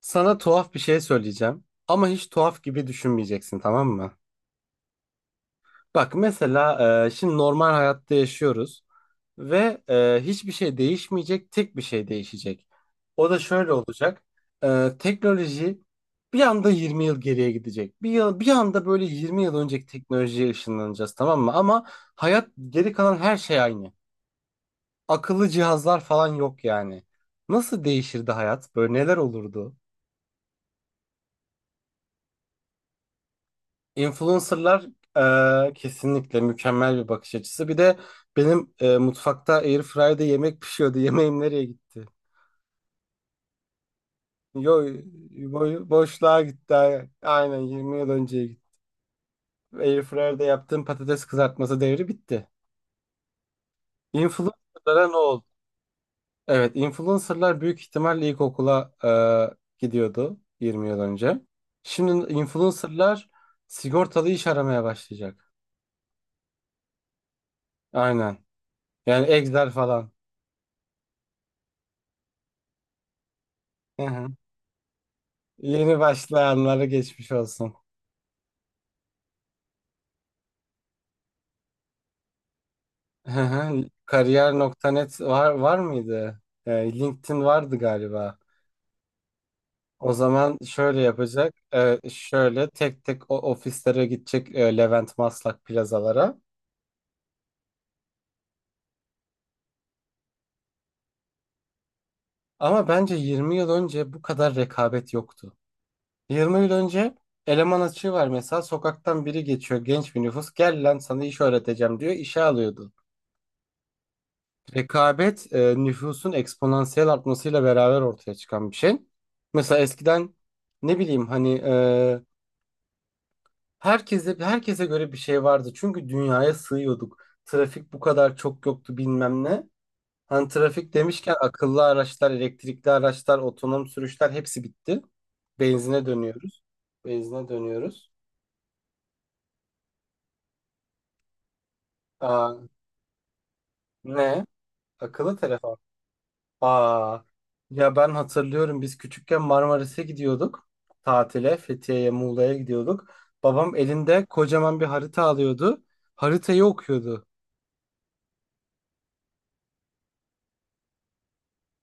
Sana tuhaf bir şey söyleyeceğim ama hiç tuhaf gibi düşünmeyeceksin, tamam mı? Bak mesela, şimdi normal hayatta yaşıyoruz ve hiçbir şey değişmeyecek, tek bir şey değişecek. O da şöyle olacak. Teknoloji bir anda 20 yıl geriye gidecek. Bir yıl, bir anda böyle 20 yıl önceki teknolojiye ışınlanacağız, tamam mı? Ama hayat, geri kalan her şey aynı. Akıllı cihazlar falan yok yani. Nasıl değişirdi hayat? Böyle neler olurdu? Influencerlar kesinlikle mükemmel bir bakış açısı. Bir de benim mutfakta Airfryer'da yemek pişiyordu. Yemeğim nereye gitti? Yo, boşluğa gitti. Aynen 20 yıl önce gitti. Airfryer'da yaptığım patates kızartması devri bitti. Influencerlara ne oldu? Evet, influencerlar büyük ihtimalle ilkokula gidiyordu 20 yıl önce. Şimdi influencerlar sigortalı iş aramaya başlayacak. Aynen. Yani Excel falan. Yeni başlayanlara geçmiş olsun. Hı hı. kariyer.net var mıydı? LinkedIn vardı galiba. O zaman şöyle yapacak. Şöyle tek tek o ofislere gidecek, Levent, Maslak plazalara. Ama bence 20 yıl önce bu kadar rekabet yoktu. 20 yıl önce eleman açığı var, mesela sokaktan biri geçiyor, genç bir nüfus, gel lan sana iş öğreteceğim diyor, işe alıyordu. Rekabet, nüfusun eksponansiyel artmasıyla beraber ortaya çıkan bir şey. Mesela eskiden ne bileyim, hani herkese göre bir şey vardı. Çünkü dünyaya sığıyorduk. Trafik bu kadar çok yoktu, bilmem ne. Hani trafik demişken akıllı araçlar, elektrikli araçlar, otonom sürüşler hepsi bitti. Benzine dönüyoruz. Benzine dönüyoruz. Aa, ne? Akıllı telefon. Aa, ya ben hatırlıyorum, biz küçükken Marmaris'e gidiyorduk tatile, Fethiye'ye, Muğla'ya gidiyorduk. Babam elinde kocaman bir harita alıyordu. Haritayı okuyordu.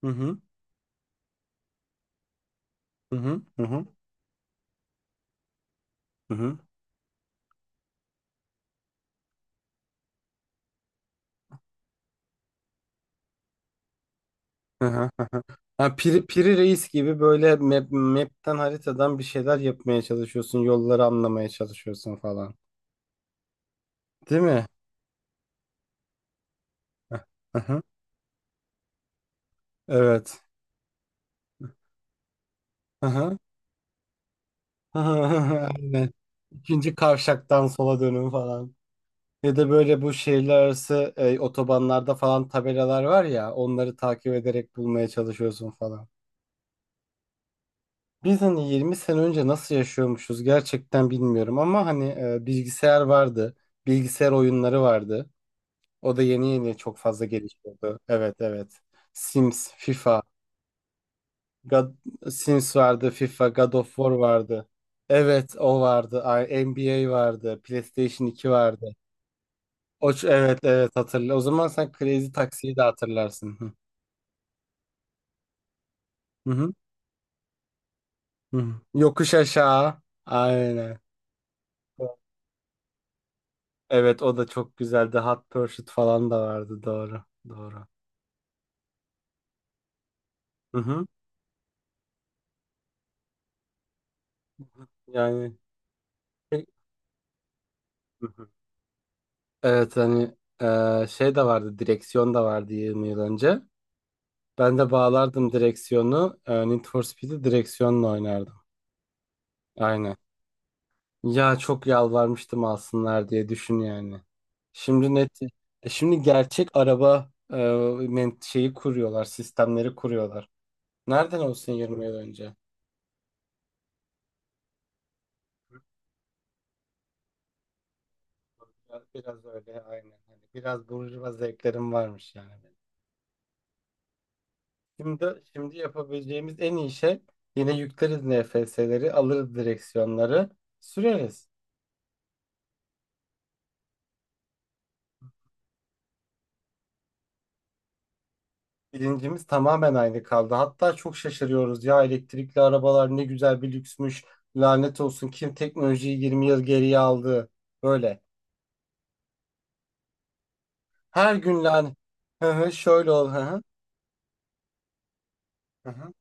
Hı hı. Hı hı. Hı hı. Hı hı. Hı hı, hı. Ha, Piri Reis gibi böyle map'ten haritadan bir şeyler yapmaya çalışıyorsun. Yolları anlamaya çalışıyorsun falan. Değil mi? Hı hı. Evet. Hı hı. Aynen. İkinci kavşaktan sola dönün falan. Ya da böyle bu şehirler arası otobanlarda falan tabelalar var ya, onları takip ederek bulmaya çalışıyorsun falan. Biz hani 20 sene önce nasıl yaşıyormuşuz gerçekten bilmiyorum ama hani bilgisayar vardı. Bilgisayar oyunları vardı. O da yeni yeni çok fazla gelişiyordu. Evet, evet. Sims, FIFA, God, Sims vardı, FIFA, God of War vardı. Evet o vardı. Ay, NBA vardı. PlayStation 2 vardı. O, evet evet, hatırla. O zaman sen Crazy Taxi'yi de hatırlarsın. Hı hı. Hı hı. Yokuş aşağı. Aynen. Evet o da çok güzeldi. Hot Pursuit falan da vardı. Doğru. Doğru. Hı hı. Yani. Hı hı. Evet hani, şey de vardı. Direksiyon da vardı 20 yıl önce. Ben de bağlardım direksiyonu. Need for Speed'i direksiyonla oynardım. Aynen. Ya çok yalvarmıştım alsınlar diye, düşün yani. Şimdi net. Şimdi gerçek araba, şeyi kuruyorlar. Sistemleri kuruyorlar. Nereden olsun 20 yıl önce? Biraz, biraz öyle aynen. Hani biraz burjuva zevklerim varmış yani, benim. Şimdi, yapabileceğimiz en iyi şey, yine yükleriz NFS'leri, alırız direksiyonları, süreriz. Bilincimiz tamamen aynı kaldı. Hatta çok şaşırıyoruz. Ya, elektrikli arabalar ne güzel bir lüksmüş. Lanet olsun, kim teknolojiyi 20 yıl geriye aldı? Böyle. Her gün lan. Hı hı, şöyle ol. Hı hı. Hı hı.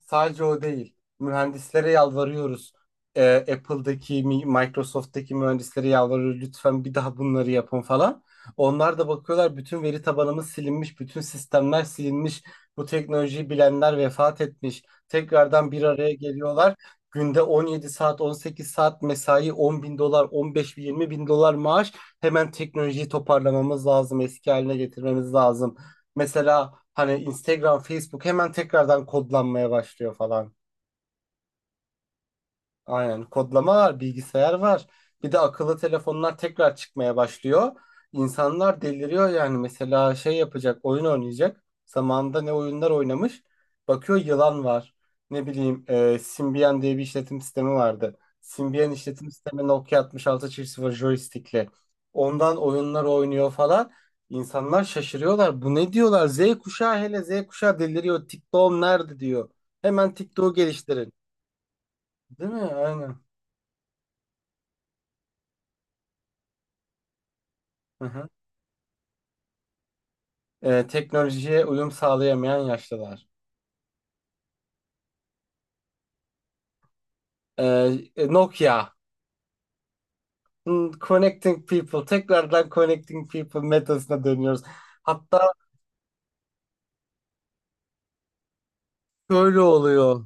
Sadece o değil. Mühendislere yalvarıyoruz. Apple'daki, Microsoft'taki mühendislere yalvarıyoruz. Lütfen bir daha bunları yapın falan. Onlar da bakıyorlar, bütün veri tabanımız silinmiş, bütün sistemler silinmiş. Bu teknolojiyi bilenler vefat etmiş. Tekrardan bir araya geliyorlar. Günde 17 saat, 18 saat mesai, 10 bin dolar, 15 bin, 20 bin dolar maaş. Hemen teknolojiyi toparlamamız lazım, eski haline getirmemiz lazım. Mesela hani Instagram, Facebook hemen tekrardan kodlanmaya başlıyor falan. Aynen kodlama var, bilgisayar var. Bir de akıllı telefonlar tekrar çıkmaya başlıyor. İnsanlar deliriyor yani, mesela şey yapacak, oyun oynayacak. Zamanında ne oyunlar oynamış. Bakıyor yılan var. Ne bileyim, Symbian diye bir işletim sistemi vardı. Symbian işletim sistemi Nokia 6600 joystick'li. Ondan oyunlar oynuyor falan. İnsanlar şaşırıyorlar. Bu ne diyorlar? Z kuşağı, hele Z kuşağı deliriyor. TikTok'um nerede diyor. Hemen TikTok'u geliştirin. Değil mi? Aynen. Hı hı. Teknolojiye uyum sağlayamayan yaşlılar. E, Nokia. Connecting people. Tekrardan connecting people metasına dönüyoruz. Hatta şöyle oluyor.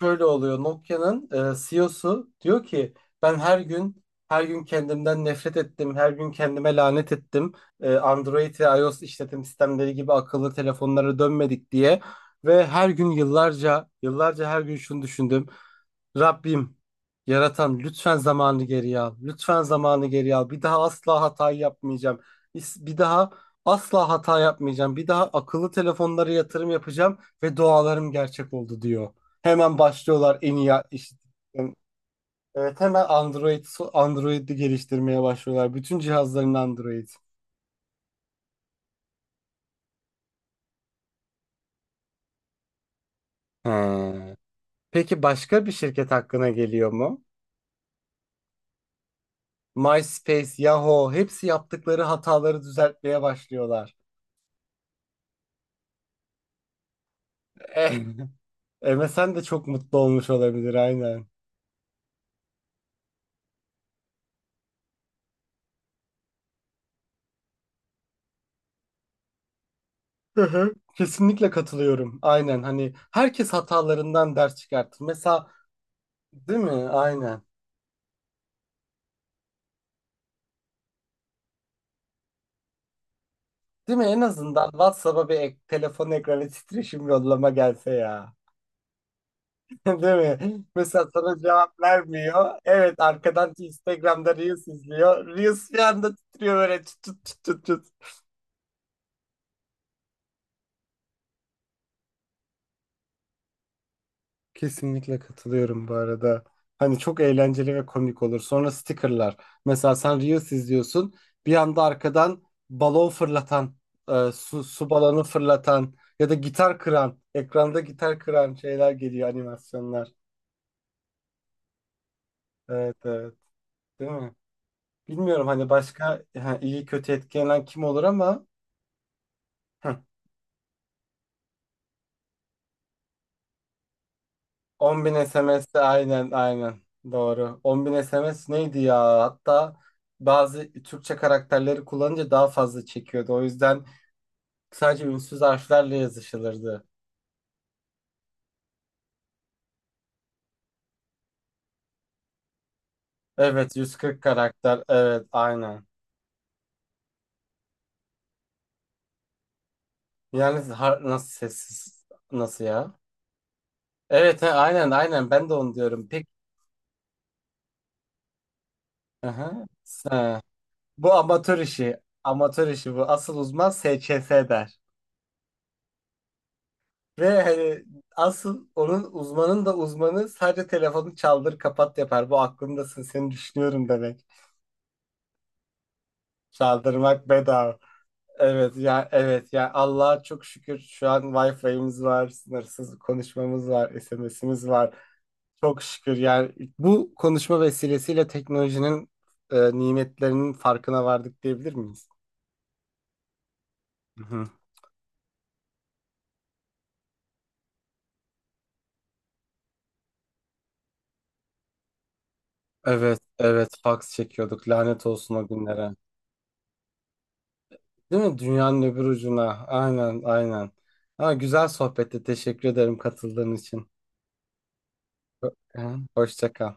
Şöyle oluyor. Nokia'nın CEO'su diyor ki, ben her gün her gün kendimden nefret ettim. Her gün kendime lanet ettim. Android ve iOS işletim sistemleri gibi akıllı telefonlara dönmedik diye. Ve her gün yıllarca yıllarca her gün şunu düşündüm. Rabbim, yaratan, lütfen zamanı geriye al. Lütfen zamanı geriye al. Bir daha asla hata yapmayacağım. Bir daha asla hata yapmayacağım. Bir daha akıllı telefonlara yatırım yapacağım ve dualarım gerçek oldu diyor. Hemen başlıyorlar en iyi işte. Evet, hemen Android'i geliştirmeye başlıyorlar. Bütün cihazların Android. He. Peki başka bir şirket hakkına geliyor mu? MySpace, Yahoo, hepsi yaptıkları hataları düzeltmeye başlıyorlar. Eh, MSN de çok mutlu olmuş olabilir, aynen. Hı hı. Kesinlikle katılıyorum. Aynen hani herkes hatalarından ders çıkartır. Mesela, değil mi? Aynen. Değil mi? En azından WhatsApp'a bir telefon ekranı titreşim yollama gelse ya. Değil mi? Mesela sana cevap vermiyor. Evet, arkadan Instagram'da Reels izliyor. Reels bir anda titriyor böyle, tut tut tut tut, tut. Kesinlikle katılıyorum bu arada. Hani çok eğlenceli ve komik olur. Sonra stickerlar. Mesela sen Reels izliyorsun. Bir anda arkadan balon fırlatan, su balonu fırlatan ya da gitar kıran, ekranda gitar kıran şeyler geliyor, animasyonlar. Evet, evet. Değil mi? Bilmiyorum hani başka, ha, iyi kötü etkilenen kim olur ama hı, 10 bin SMS de aynen aynen doğru. 10 bin SMS neydi ya? Hatta bazı Türkçe karakterleri kullanınca daha fazla çekiyordu. O yüzden sadece ünsüz harflerle yazışılırdı. Evet, 140 karakter, evet aynen. Yani nasıl sessiz, nasıl ya? Evet he, aynen aynen ben de onu diyorum. Peki, aha, ha. Bu amatör işi, amatör işi bu, asıl uzman SCS der. Ve hani asıl onun uzmanın da uzmanı sadece telefonu çaldır kapat yapar. Bu aklımdasın, seni düşünüyorum demek. Çaldırmak bedava. Evet ya, evet ya, Allah'a çok şükür şu an Wi-Fi'miz var, sınırsız konuşmamız var, SMS'imiz var. Çok şükür yani, bu konuşma vesilesiyle teknolojinin nimetlerinin farkına vardık diyebilir miyiz? Hı hı. Evet, evet fax çekiyorduk. Lanet olsun o günlere. Değil mi? Dünyanın öbür ucuna. Aynen, aynen. Ha, güzel sohbetti. Teşekkür ederim katıldığın için. Hı. Hoşça kal.